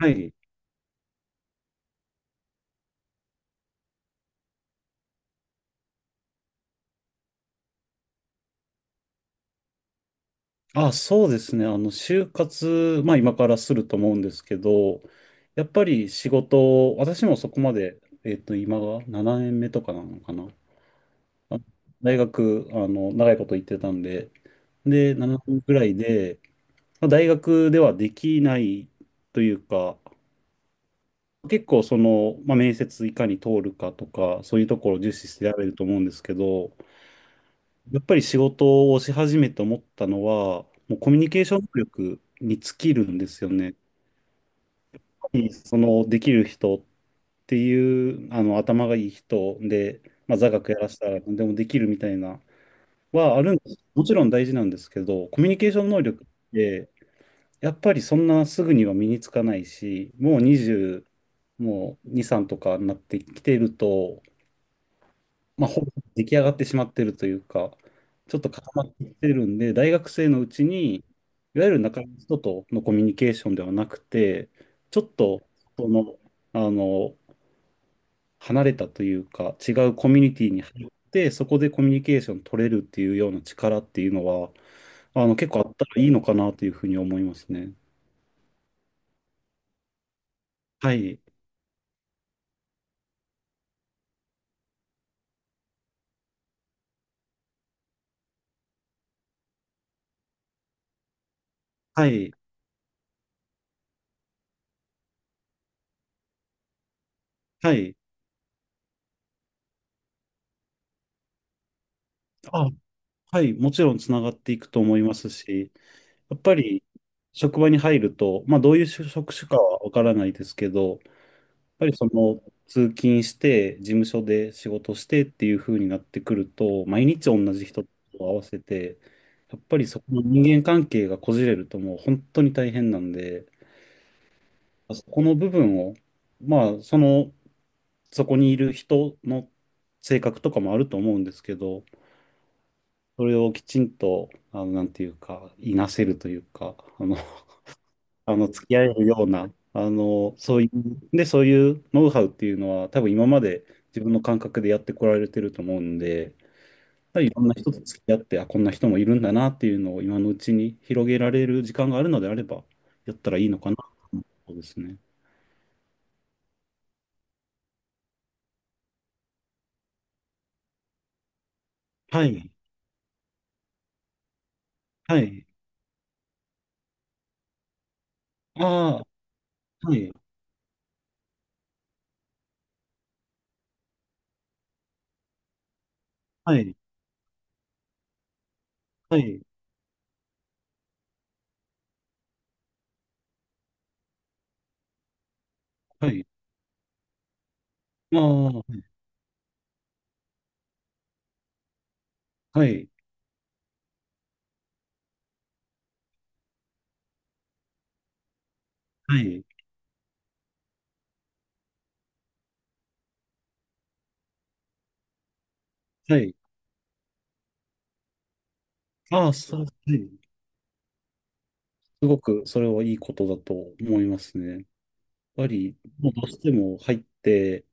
はい。そうですね。就活、まあ今からすると思うんですけど、やっぱり仕事、私もそこまで、今が7年目とかなのかな。あ大学、長いこと行ってたんで、で、7年ぐらいで、まあ、大学ではできないというか、結構その、まあ、面接いかに通るかとか、そういうところを重視してやれると思うんですけど、やっぱり仕事をし始めて思ったのは、もうコミュニケーション能力に尽きるんですよね。やっぱりそのできる人っていう頭がいい人で、まあ、座学やらせたら何でもできるみたいなはあるんです。もちろん大事なんですけど、コミュニケーション能力ってやっぱりそんなすぐには身につかないし、もう20、もう2、3とかになってきてると、まあ、ほぼ出来上がってしまってるというか、ちょっと固まってきてるんで、大学生のうちに、いわゆる仲間の人とのコミュニケーションではなくて、ちょっとその、あの、離れたというか、違うコミュニティに入って、そこでコミュニケーション取れるっていうような力っていうのは、結構あったらいいのかなというふうに思いますね。はい、はい、はい。あ、はい、もちろんつながっていくと思いますし、やっぱり職場に入ると、まあ、どういう職種かはわからないですけど、やっぱりその通勤して、事務所で仕事してっていう風になってくると、毎日同じ人と合わせて、やっぱりそこの人間関係がこじれるともう本当に大変なんで、そこの部分を、まあ、その、そこにいる人の性格とかもあると思うんですけど、それをきちんと、なんていうか、いなせるというか、付き合えるような、そういう、で、そういうノウハウっていうのは、多分今まで自分の感覚でやってこられてると思うんで、やっぱりいろんな人と付き合って、あ、こんな人もいるんだなっていうのを今のうちに広げられる時間があるのであれば、やったらいいのかなと思うそうですね。はい、はい、ああ、はい、はい、はい、はい、ああ、はい、はい、はい、ああ、そう、はい。すごくそれはいいことだと思いますね。やっぱり、もうどうしても入って、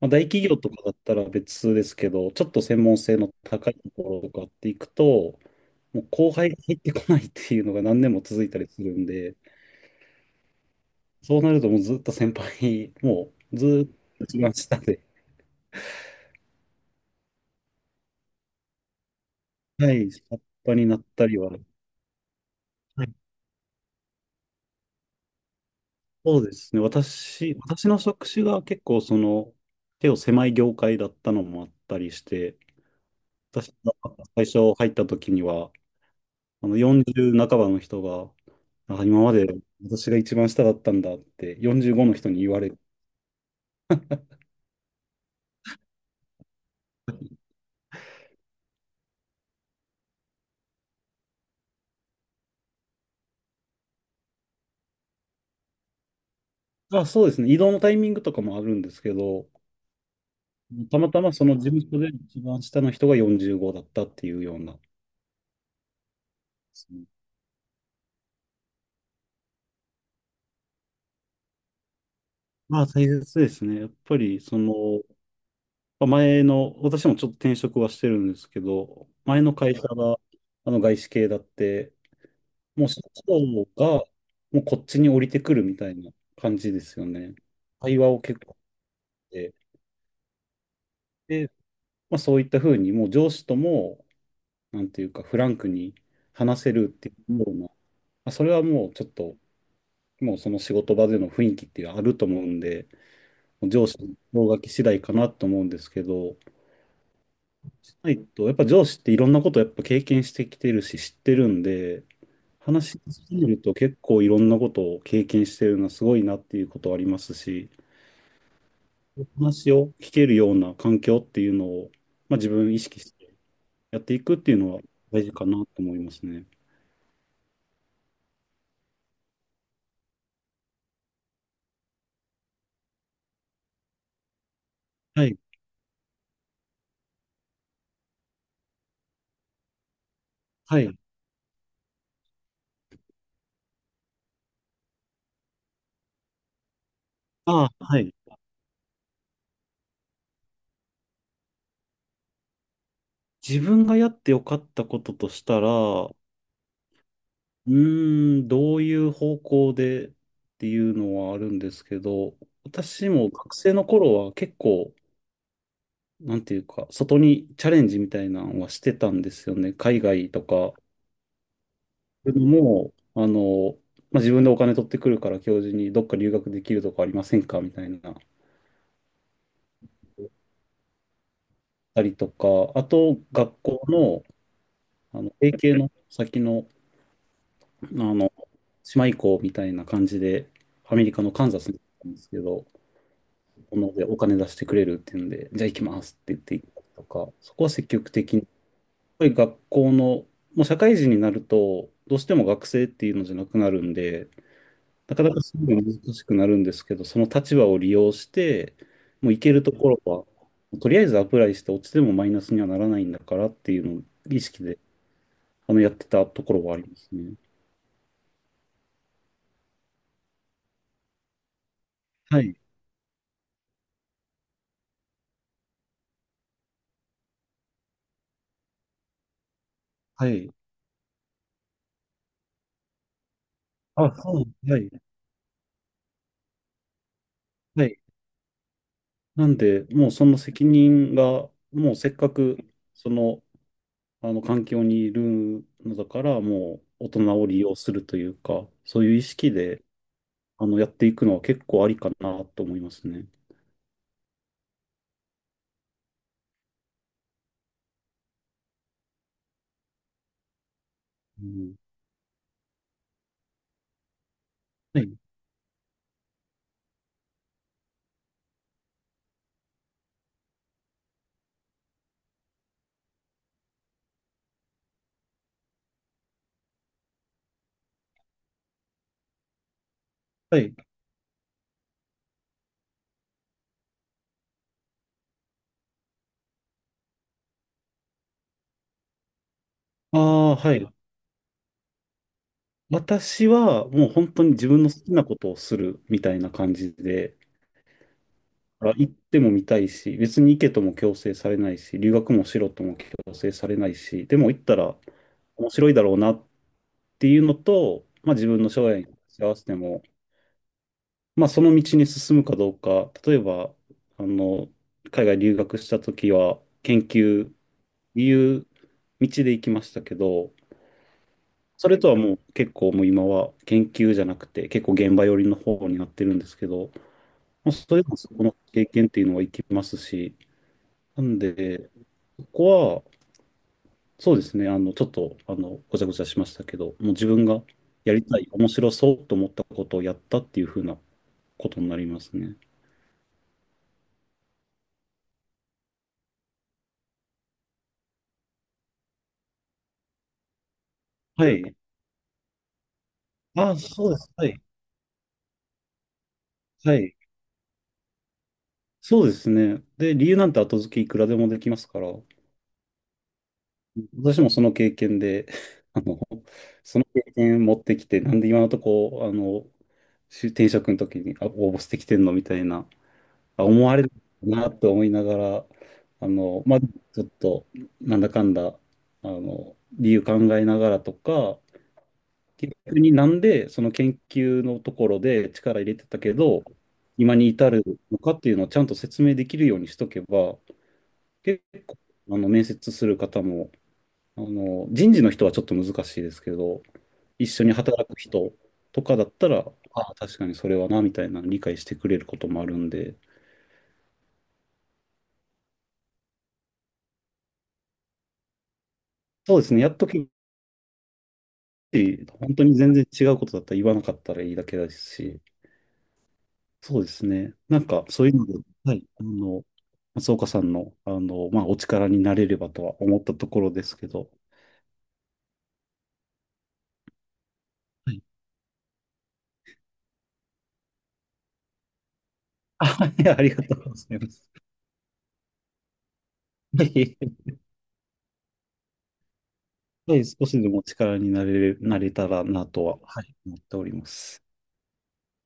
まあ、大企業とかだったら別ですけど、ちょっと専門性の高いところとかっていくと、もう後輩が入ってこないっていうのが何年も続いたりするんで、そうなるともうずっと先輩、もうずっと一番下で、はい、下っ端になったりは、はい、そうですね。私の職種が結構その、手を狭い業界だったのもあったりして、私が最初入った時には、あの40半ばの人が、あ、今まで私が一番下だったんだって45の人に言われる。あ、そうですね。移動のタイミングとかもあるんですけど、たまたまその事務所で一番下の人が45だったっていうような。まあ大切ですね。やっぱりその、まあ前の、私もちょっと転職はしてるんですけど、前の会社があの外資系だって、もう社長がもうこっちに降りてくるみたいな感じですよね。会話を結構して、で、まあそういったふうにもう上司ともなんていうか、フランクに話せるっていうような、それはもうちょっと、もうその仕事場での雰囲気っていうのはあると思うんで、上司の方書き次第かなと思うんですけど、しないと、やっぱ上司っていろんなことをやっぱ経験してきてるし、知ってるんで、話しすぎると結構いろんなことを経験してるのはすごいなっていうことはありますし、話を聞けるような環境っていうのを、まあ、自分意識してやっていくっていうのは大事かなと思いますね。はい。はい。ああ、はい。自分がやってよかったこととしたら、うーん、どういう方向でっていうのはあるんですけど、私も学生の頃は結構、なんていうか、外にチャレンジみたいなのはしてたんですよね。海外とか。でも、自分でお金取ってくるから教授にどっか留学できるとこありませんかみたいな、たりとか、あと、学校の、提携の先の、あの、島行こうみたいな感じで、アメリカのカンザスに行ったんですけど、このでお金出してくれるっていうんで、じゃあ行きますって言って行ったりとか、そこは積極的に、やっぱり学校の、もう社会人になると、どうしても学生っていうのじゃなくなるんで、なかなかすぐ難しくなるんですけど、その立場を利用して、もう行けるところは、とりあえずアプライして落ちてもマイナスにはならないんだからっていうのを意識で、やってたところはありますね。はい。はい。あ、そう。はい。はい。なんで、もうその責任が、もうせっかく、その、あの環境にいるのだから、もう大人を利用するというか、そういう意識で、やっていくのは結構ありかなと思いますね。うん。はい。はい。ああ、はい。私は、もう本当に自分の好きなことをするみたいな感じで、あ行っても見たいし、別に行けとも強制されないし、留学もしろとも強制されないし、でも行ったら面白いだろうなっていうのと、まあ、自分の将来に合わせても、まあ、その道に進むかどうか、例えば、あの、海外留学した時は、研究っていう道で行きましたけど、それとはもう結構もう今は研究じゃなくて、結構現場寄りの方になってるんですけど、まあ、それでもそこの経験っていうのは生きますし、なんで、ここは、そうですね、あの、ちょっと、あの、ごちゃごちゃしましたけど、もう自分がやりたい、面白そうと思ったことをやったっていう風なことになりますね。はい。あ、そうです。はい。はい。そうですね。で、理由なんて後付けいくらでもできますから、私もその経験で、あの、その経験持ってきて、なんで今のとこ、し転職の時にあ応募してきてんのみたいな、あ、思われるなと思いながら、あの、まあ、ちょっと、なんだかんだ、理由考えながらとか、結局になんでその研究のところで力入れてたけど、今に至るのかっていうのをちゃんと説明できるようにしとけば、結構、面接する方も、人事の人はちょっと難しいですけど、一緒に働く人とかだったら、ああ、確かにそれはな、みたいな理解してくれることもあるんで、そうですね、やっとき、本当に全然違うことだったら言わなかったらいいだけだし、そうですね。なんか、そういうので、はい、松岡さんの、お力になれればとは思ったところですけど、はい。あ、いやありがとうございます。はい、はい、少しでもお力になれ、なれたらなとは、はい、思っております。